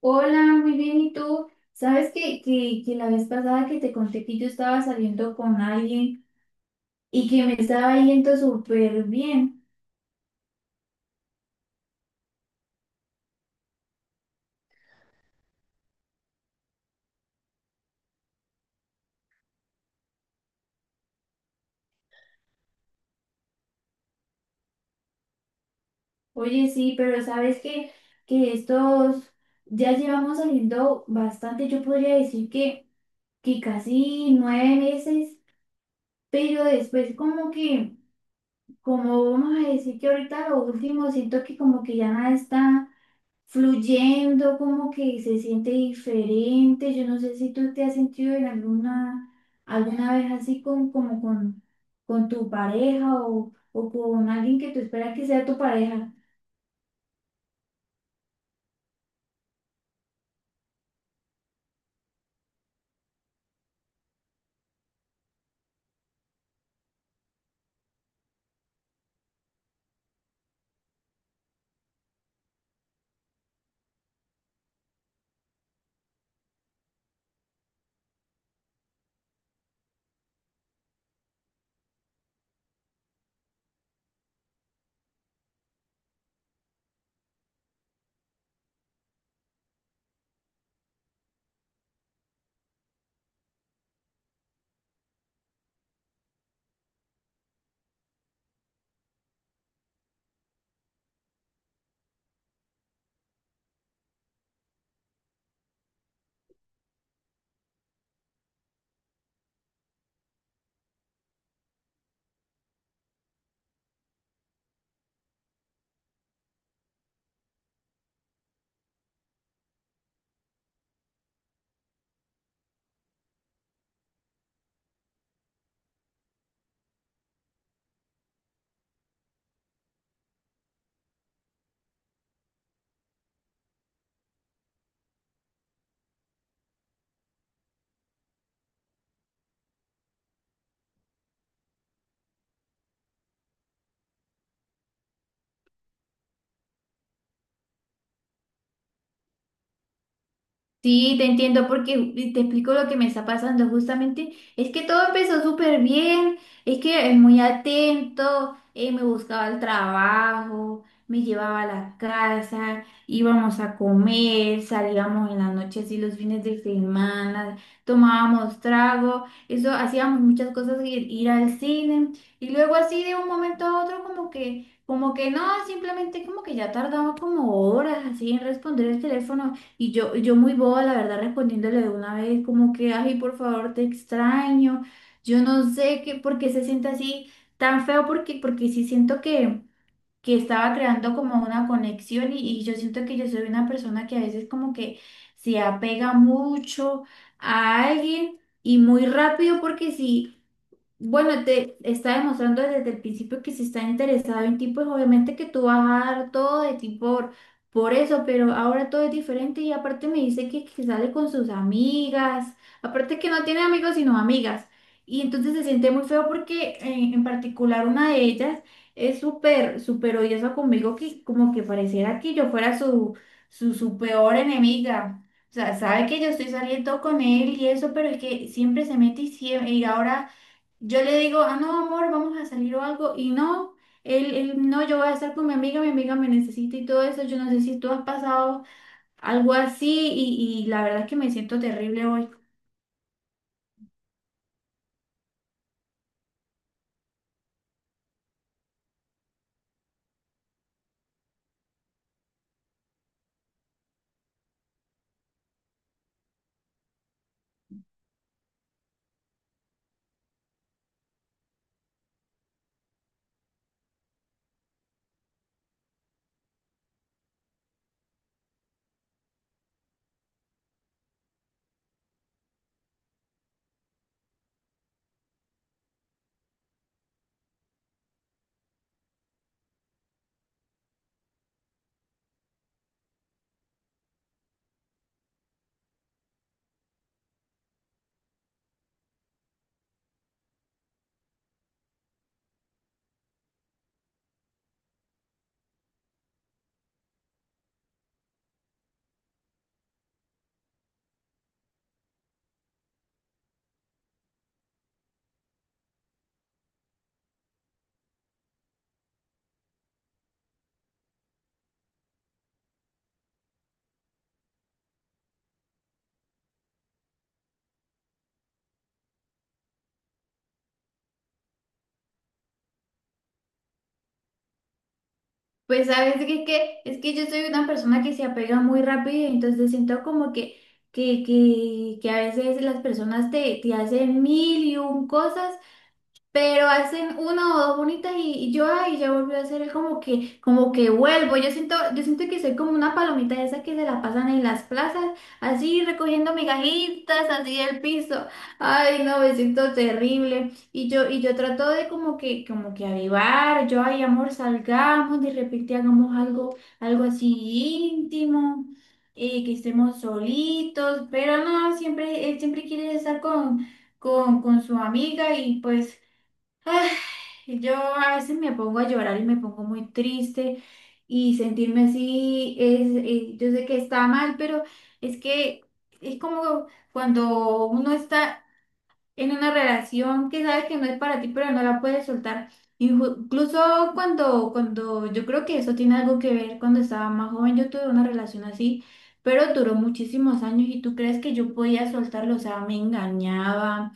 Hola, muy bien. ¿Y tú? ¿Sabes que la vez pasada que te conté que yo estaba saliendo con alguien y que me estaba yendo súper bien? Oye, sí, pero ¿sabes que estos ya llevamos saliendo bastante? Yo podría decir que casi 9 meses, pero después como que, como vamos a decir que ahorita lo último, siento que como que ya nada está fluyendo, como que se siente diferente. Yo no sé si tú te has sentido en alguna vez así con tu pareja o con alguien que tú esperas que sea tu pareja. Sí, te entiendo porque y te explico lo que me está pasando justamente. Es que todo empezó súper bien, es que es muy atento, me buscaba el trabajo, me llevaba a la casa, íbamos a comer, salíamos en las noches y los fines de semana, tomábamos trago, eso hacíamos muchas cosas, ir al cine y luego así de un momento a otro como que no, simplemente como que ya tardaba como horas así en responder el teléfono. Y yo muy boba, la verdad, respondiéndole de una vez, como que, ay, por favor, te extraño. Yo no sé qué, por qué se siente así tan feo, porque sí siento que estaba creando como una conexión y yo siento que yo soy una persona que a veces como que se apega mucho a alguien y muy rápido, porque sí. Bueno, te está demostrando desde el principio que si está interesado en ti, pues obviamente que tú vas a dar todo de ti por eso, pero ahora todo es diferente y aparte me dice que sale con sus amigas, aparte que no tiene amigos sino amigas, y entonces se siente muy feo porque en particular una de ellas es súper, súper odiosa conmigo que como que pareciera que yo fuera su peor enemiga. O sea, sabe que yo estoy saliendo con él y eso, pero es que siempre se mete y ahora. Yo le digo, ah, no, amor, vamos a salir o algo, y no, él, no, yo voy a estar con mi amiga me necesita y todo eso, yo no sé si tú has pasado algo así, y la verdad es que me siento terrible hoy. Pues sabes que es que yo soy una persona que se apega muy rápido, entonces siento como que a veces las personas te hacen mil y un cosas pero hacen una o dos bonitas y yo, ay, ya volví a hacer, es como que vuelvo. Yo siento que soy como una palomita de esas que se la pasan en las plazas, así recogiendo migajitas, así del piso. Ay, no, me siento terrible. Y yo trato de como que avivar, yo, ay, amor, salgamos, de repente hagamos algo así íntimo. Que estemos solitos, pero no, siempre, él siempre quiere estar con su amiga y pues yo a veces me pongo a llorar y me pongo muy triste y sentirme así yo sé que está mal, pero es que es como cuando uno está en una relación que sabes que no es para ti, pero no la puedes soltar. Incluso cuando, cuando yo creo que eso tiene algo que ver, cuando estaba más joven yo tuve una relación así, pero duró muchísimos años y tú crees que yo podía soltarlo, o sea, me engañaba,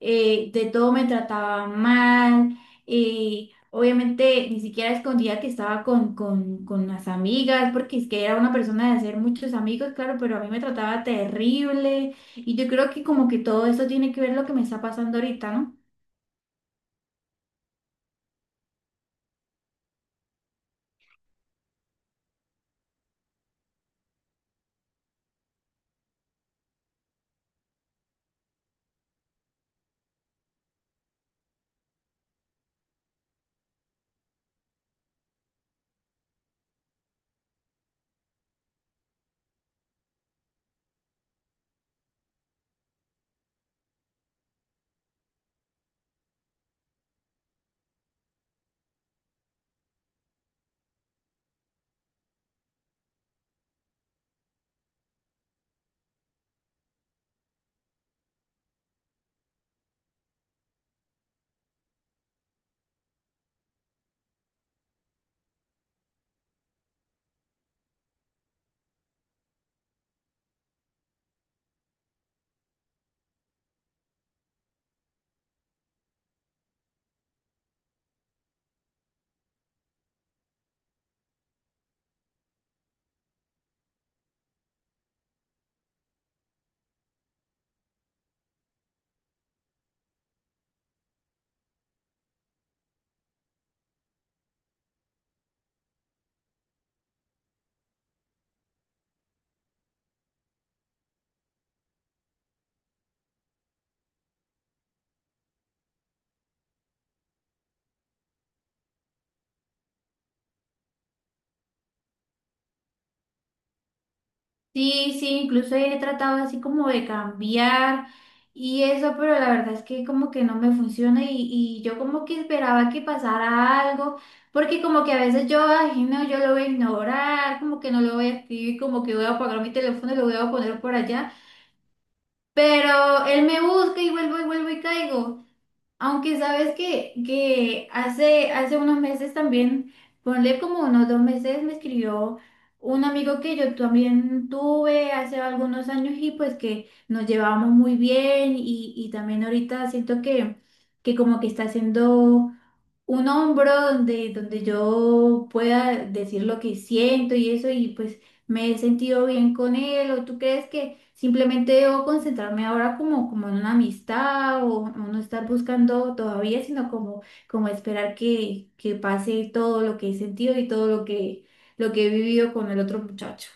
de todo me trataba mal, obviamente ni siquiera escondía que estaba con las amigas, porque es que era una persona de hacer muchos amigos, claro, pero a mí me trataba terrible y yo creo que como que todo eso tiene que ver lo que me está pasando ahorita, ¿no? Sí, sí, incluso he tratado así como de cambiar y eso, pero la verdad es que como que no me funciona y yo como que esperaba que pasara algo, porque como que a veces yo, ay, no, yo lo voy a ignorar, como que no lo voy a escribir, como que voy a apagar mi teléfono y lo voy a poner por allá, pero él me busca y vuelvo y vuelvo y caigo. Aunque sabes que hace unos meses también, ponle como unos 2 meses, me escribió un amigo que yo también tuve hace algunos años y pues que nos llevábamos muy bien y también ahorita siento que como que está haciendo un hombro donde yo pueda decir lo que siento y eso, y pues me he sentido bien con él, o tú crees que simplemente debo concentrarme ahora como, como, en una amistad o no estar buscando todavía, sino como esperar que pase todo lo que he sentido y todo lo que he vivido con el otro muchacho.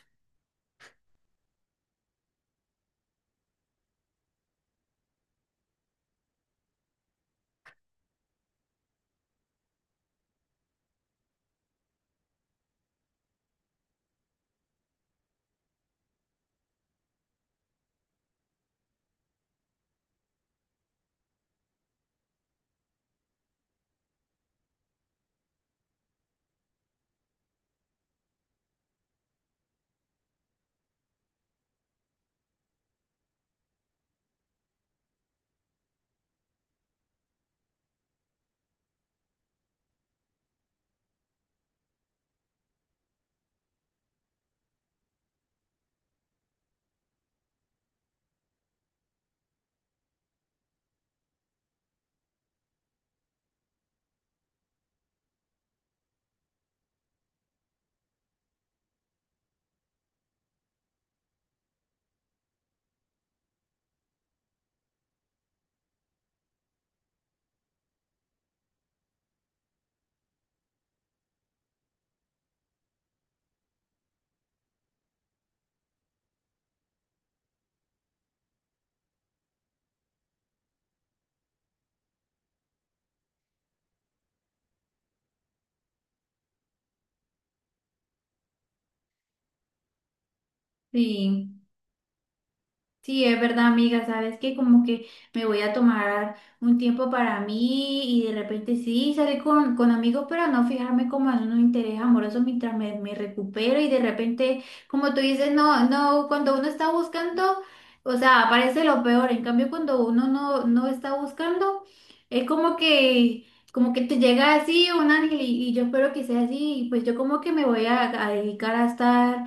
Sí. Sí, es verdad, amiga, sabes que como que me voy a tomar un tiempo para mí y de repente sí salir con amigos, pero no fijarme como en un interés amoroso mientras me recupero y de repente, como tú dices, no, no, cuando uno está buscando, o sea, aparece lo peor, en cambio cuando uno no está buscando, es como que te llega así un ángel y yo espero que sea así, y pues yo como que me voy a dedicar a estar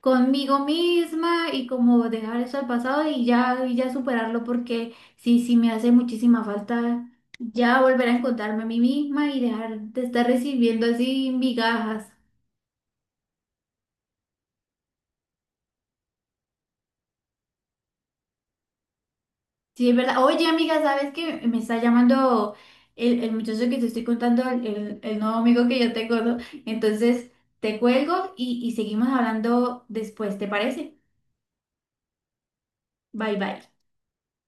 conmigo misma y como dejar eso al pasado y ya, superarlo porque sí, sí me hace muchísima falta ya volver a encontrarme a mí misma y dejar de estar recibiendo así migajas. Sí, es verdad. Oye, amiga, ¿sabes qué? Me está llamando el muchacho que te estoy contando, el nuevo amigo que yo tengo, ¿no? Entonces, te cuelgo y seguimos hablando después, ¿te parece? Bye bye.